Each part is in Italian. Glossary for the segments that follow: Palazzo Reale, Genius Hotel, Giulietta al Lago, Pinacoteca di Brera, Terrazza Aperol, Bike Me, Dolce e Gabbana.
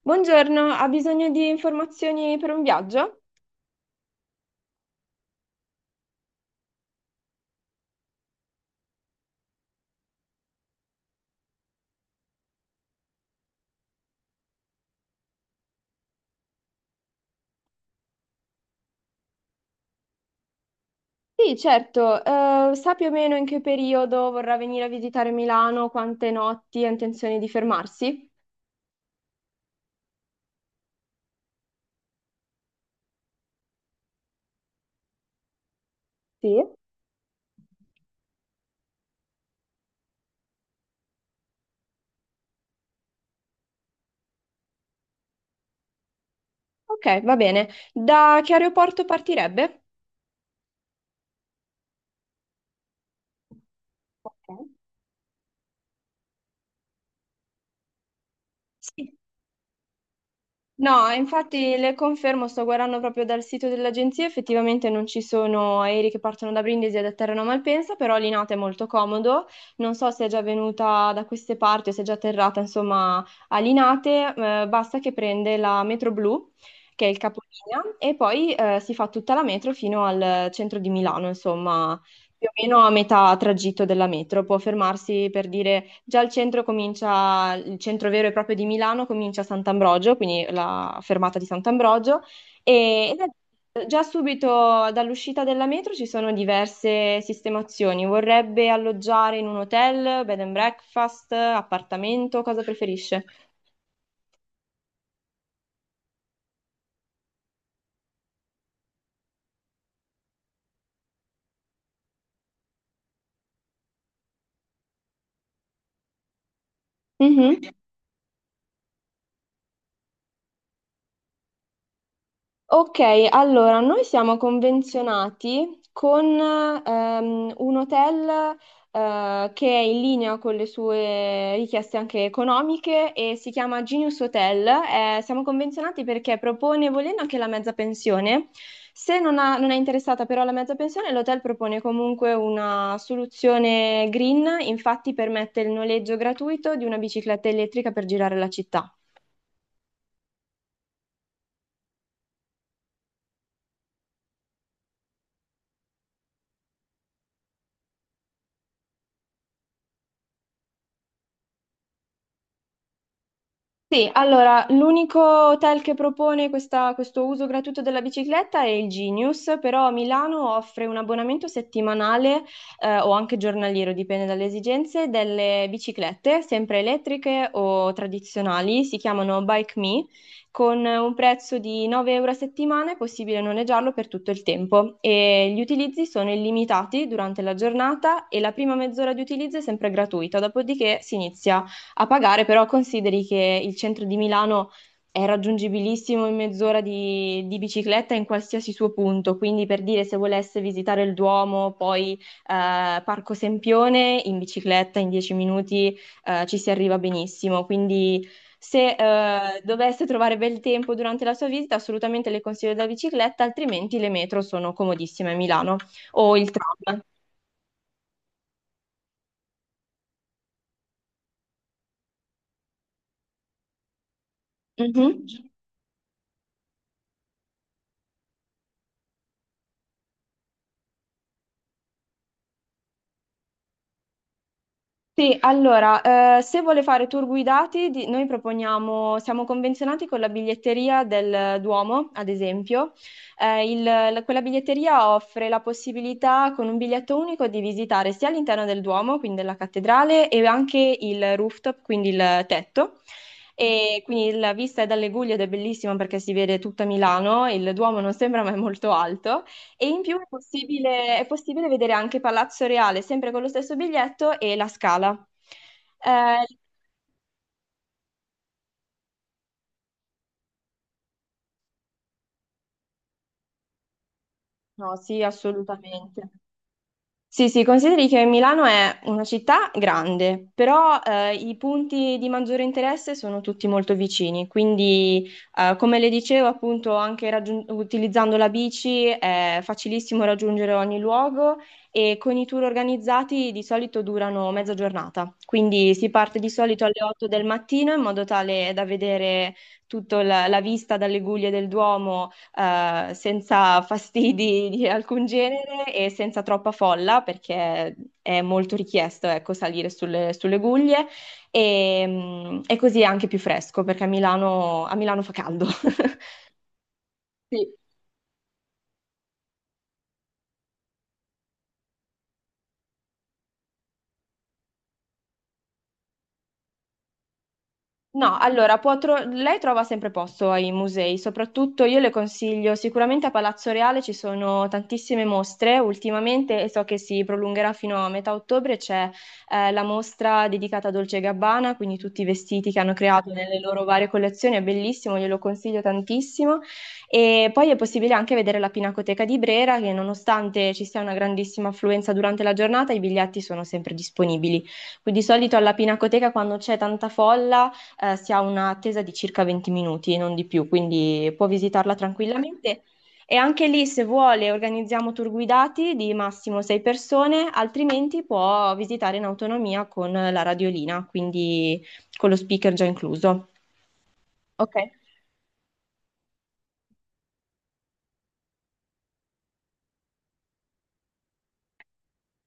Buongiorno, ha bisogno di informazioni per un viaggio? Sì, certo. Sa più o meno in che periodo vorrà venire a visitare Milano, quante notti ha intenzione di fermarsi? Sì, ok, va bene. Da che aeroporto partirebbe? Ok. Sì. No, infatti le confermo, sto guardando proprio dal sito dell'agenzia, effettivamente non ci sono aerei che partono da Brindisi ed atterrano a Malpensa, però Linate è molto comodo, non so se è già venuta da queste parti o se è già atterrata insomma a Linate, basta che prende la metro blu, che è il capolinea, e poi si fa tutta la metro fino al centro di Milano, insomma più o meno a metà tragitto della metro, può fermarsi per dire già il centro comincia, il centro vero e proprio di Milano comincia a Sant'Ambrogio, quindi la fermata di Sant'Ambrogio, e già subito dall'uscita della metro ci sono diverse sistemazioni. Vorrebbe alloggiare in un hotel, bed and breakfast, appartamento, cosa preferisce? Mhm. Ok, allora noi siamo convenzionati con un hotel che è in linea con le sue richieste anche economiche e si chiama Genius Hotel. Siamo convenzionati perché propone, volendo anche la mezza pensione, se non, ha- non è interessata però la mezza pensione, l'hotel propone comunque una soluzione green, infatti permette il noleggio gratuito di una bicicletta elettrica per girare la città. Sì, allora, l'unico hotel che propone questo uso gratuito della bicicletta è il Genius, però a Milano offre un abbonamento settimanale, o anche giornaliero, dipende dalle esigenze, delle biciclette, sempre elettriche o tradizionali, si chiamano Bike Me, con un prezzo di 9 euro a settimana è possibile noleggiarlo per tutto il tempo e gli utilizzi sono illimitati durante la giornata e la prima mezz'ora di utilizzo è sempre gratuita, dopodiché si inizia a pagare, però consideri che il centro di Milano è raggiungibilissimo in mezz'ora di bicicletta in qualsiasi suo punto, quindi per dire se volesse visitare il Duomo, poi Parco Sempione, in bicicletta in 10 minuti ci si arriva benissimo, quindi se dovesse trovare bel tempo durante la sua visita, assolutamente le consiglio la bicicletta, altrimenti le metro sono comodissime a Milano o il tram. Mhm. Sì, allora, se vuole fare tour guidati, noi proponiamo, siamo convenzionati con la biglietteria del Duomo, ad esempio. Quella biglietteria offre la possibilità con un biglietto unico di visitare sia l'interno del Duomo, quindi della cattedrale, e anche il rooftop, quindi il tetto. E quindi la vista è dalle Guglie ed è bellissima perché si vede tutta Milano, il Duomo non sembra ma è molto alto. E in più è possibile vedere anche Palazzo Reale, sempre con lo stesso biglietto e la Scala. Eh, no, sì, assolutamente. Sì, sì, consideri che Milano è una città grande, però i punti di maggiore interesse sono tutti molto vicini, quindi come le dicevo, appunto, anche utilizzando la bici è facilissimo raggiungere ogni luogo e con i tour organizzati di solito durano mezza giornata, quindi si parte di solito alle 8 del mattino in modo tale da vedere tutta la vista dalle guglie del Duomo senza fastidi di alcun genere e senza troppa folla, perché è molto richiesto, ecco, salire sulle guglie e così è anche più fresco, perché a Milano fa caldo. Sì. No, allora, può lei trova sempre posto ai musei, soprattutto io le consiglio, sicuramente a Palazzo Reale ci sono tantissime mostre ultimamente e so che si prolungherà fino a metà ottobre, c'è la mostra dedicata a Dolce e Gabbana, quindi tutti i vestiti che hanno creato nelle loro varie collezioni, è bellissimo, glielo consiglio tantissimo. E poi è possibile anche vedere la Pinacoteca di Brera, che nonostante ci sia una grandissima affluenza durante la giornata, i biglietti sono sempre disponibili. Quindi di solito alla Pinacoteca quando c'è tanta folla si ha un'attesa di circa 20 minuti, non di più, quindi può visitarla tranquillamente. E anche lì, se vuole, organizziamo tour guidati di massimo 6 persone, altrimenti può visitare in autonomia con la radiolina, quindi con lo speaker già incluso. Ok.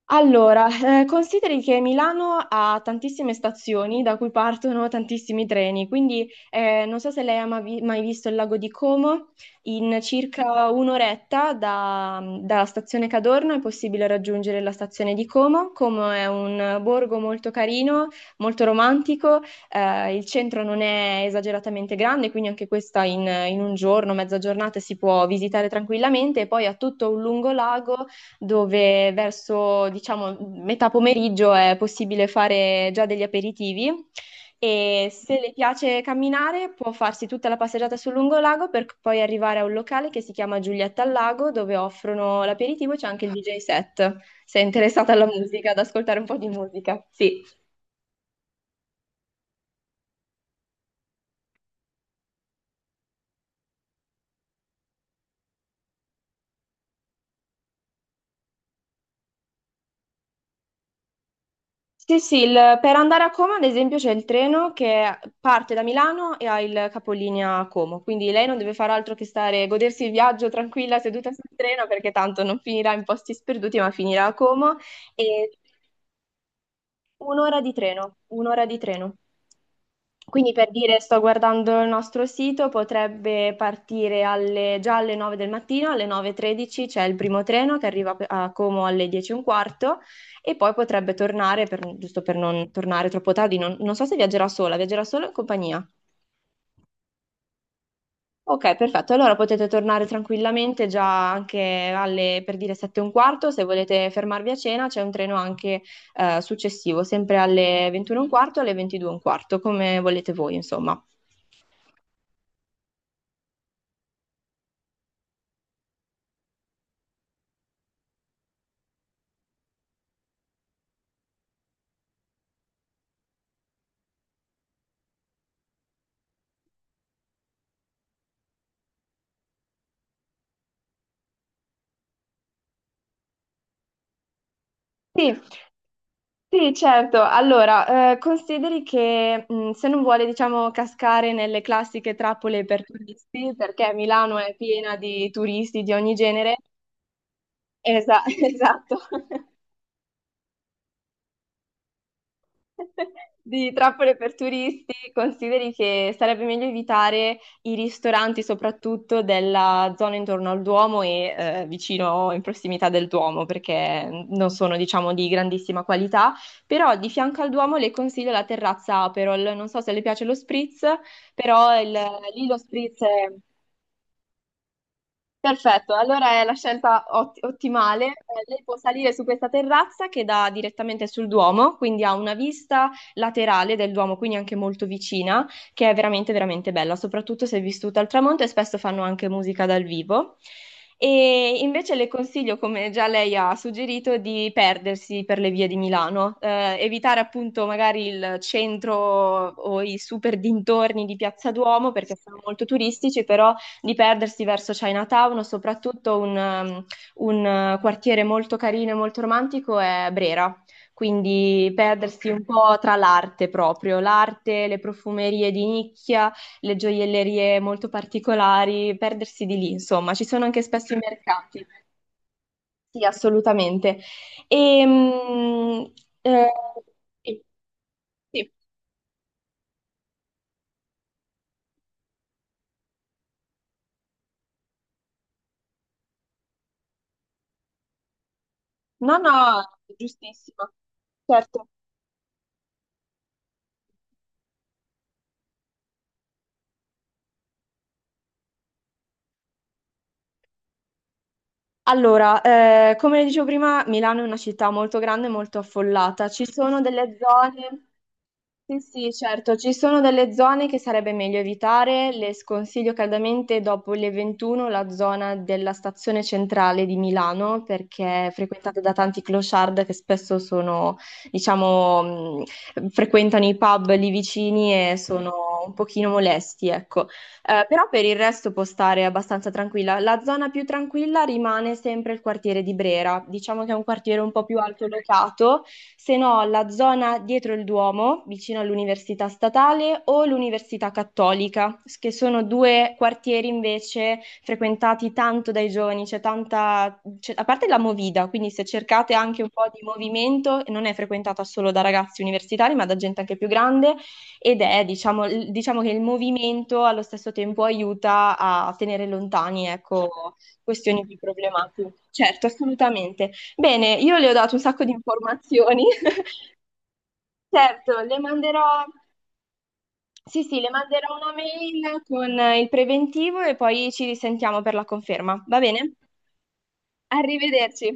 Allora, consideri che Milano ha tantissime stazioni da cui partono tantissimi treni, quindi non so se lei ha mai visto il lago di Como, in circa un'oretta dalla stazione Cadorno è possibile raggiungere la stazione di Como. Como è un borgo molto carino, molto romantico, il centro non è esageratamente grande, quindi anche questa in un giorno, mezza giornata si può visitare tranquillamente e poi ha tutto un lungo lago dove verso, diciamo, metà pomeriggio è possibile fare già degli aperitivi e se le piace camminare può farsi tutta la passeggiata sul lungolago per poi arrivare a un locale che si chiama Giulietta al Lago, dove offrono l'aperitivo e c'è anche il DJ set. Sei interessata alla musica, ad ascoltare un po' di musica? Sì. Sì, sì, per andare a Como, ad esempio, c'è il treno che parte da Milano e ha il capolinea a Como, quindi lei non deve fare altro che stare, godersi il viaggio tranquilla seduta sul treno perché tanto non finirà in posti sperduti, ma finirà a Como. Un'ora di treno, un'ora di treno. Quindi per dire, sto guardando il nostro sito, potrebbe partire già alle 9 del mattino, alle 9:13 c'è il primo treno che arriva a Como alle 10 e un quarto e poi potrebbe tornare, giusto per non tornare troppo tardi, non so se viaggerà sola, viaggerà solo in compagnia. Ok, perfetto. Allora potete tornare tranquillamente già anche alle, per dire, sette e un quarto. Se volete fermarvi a cena, c'è un treno anche successivo, sempre alle 21 e un quarto, alle 22 e un quarto, come volete voi, insomma. Sì, sì, certo. Allora, consideri che se non vuole, diciamo, cascare nelle classiche trappole per turisti, perché Milano è piena di turisti di ogni genere. Esa- esatto, di trappole per turisti, consideri che sarebbe meglio evitare i ristoranti, soprattutto della zona intorno al Duomo e vicino in prossimità del Duomo, perché non sono, diciamo, di grandissima qualità. Però di fianco al Duomo le consiglio la terrazza Aperol. Non so se le piace lo spritz, però lì lo spritz è. Perfetto, allora è la scelta ottimale. Lei può salire su questa terrazza che dà direttamente sul Duomo, quindi ha una vista laterale del Duomo, quindi anche molto vicina, che è veramente bella, soprattutto se vissuta al tramonto e spesso fanno anche musica dal vivo. E invece le consiglio, come già lei ha suggerito, di perdersi per le vie di Milano, evitare appunto magari il centro o i super dintorni di Piazza Duomo perché sono molto turistici, però di perdersi verso Chinatown, o soprattutto un quartiere molto carino e molto romantico è Brera. Quindi perdersi un po' tra l'arte proprio, l'arte, le profumerie di nicchia, le gioiellerie molto particolari, perdersi di lì, insomma, ci sono anche spesso i mercati. Sì, assolutamente. E, mm, eh, sì, sì. No, no, giustissimo. Certo. Allora, come dicevo prima, Milano è una città molto grande e molto affollata. Ci sono delle zone, sì, sì, certo, ci sono delle zone che sarebbe meglio evitare. Le sconsiglio caldamente dopo le 21 la zona della stazione centrale di Milano, perché è frequentata da tanti clochard che spesso sono, diciamo, frequentano i pub lì vicini e sono un pochino molesti, ecco. Però per il resto può stare abbastanza tranquilla. La zona più tranquilla rimane sempre il quartiere di Brera, diciamo che è un quartiere un po' più alto, se no la zona dietro il Duomo, vicino all'Università Statale o l'Università Cattolica, che sono due quartieri invece frequentati tanto dai giovani, a parte la Movida, quindi se cercate anche un po' di movimento, non è frequentata solo da ragazzi universitari, ma da gente anche più grande ed è, diciamo, diciamo che il movimento allo stesso tempo aiuta a tenere lontani, ecco, questioni più problematiche. Certo, assolutamente. Bene, io le ho dato un sacco di informazioni. Certo, le manderò, sì, sì, le manderò una mail con il preventivo e poi ci risentiamo per la conferma. Va bene? Arrivederci.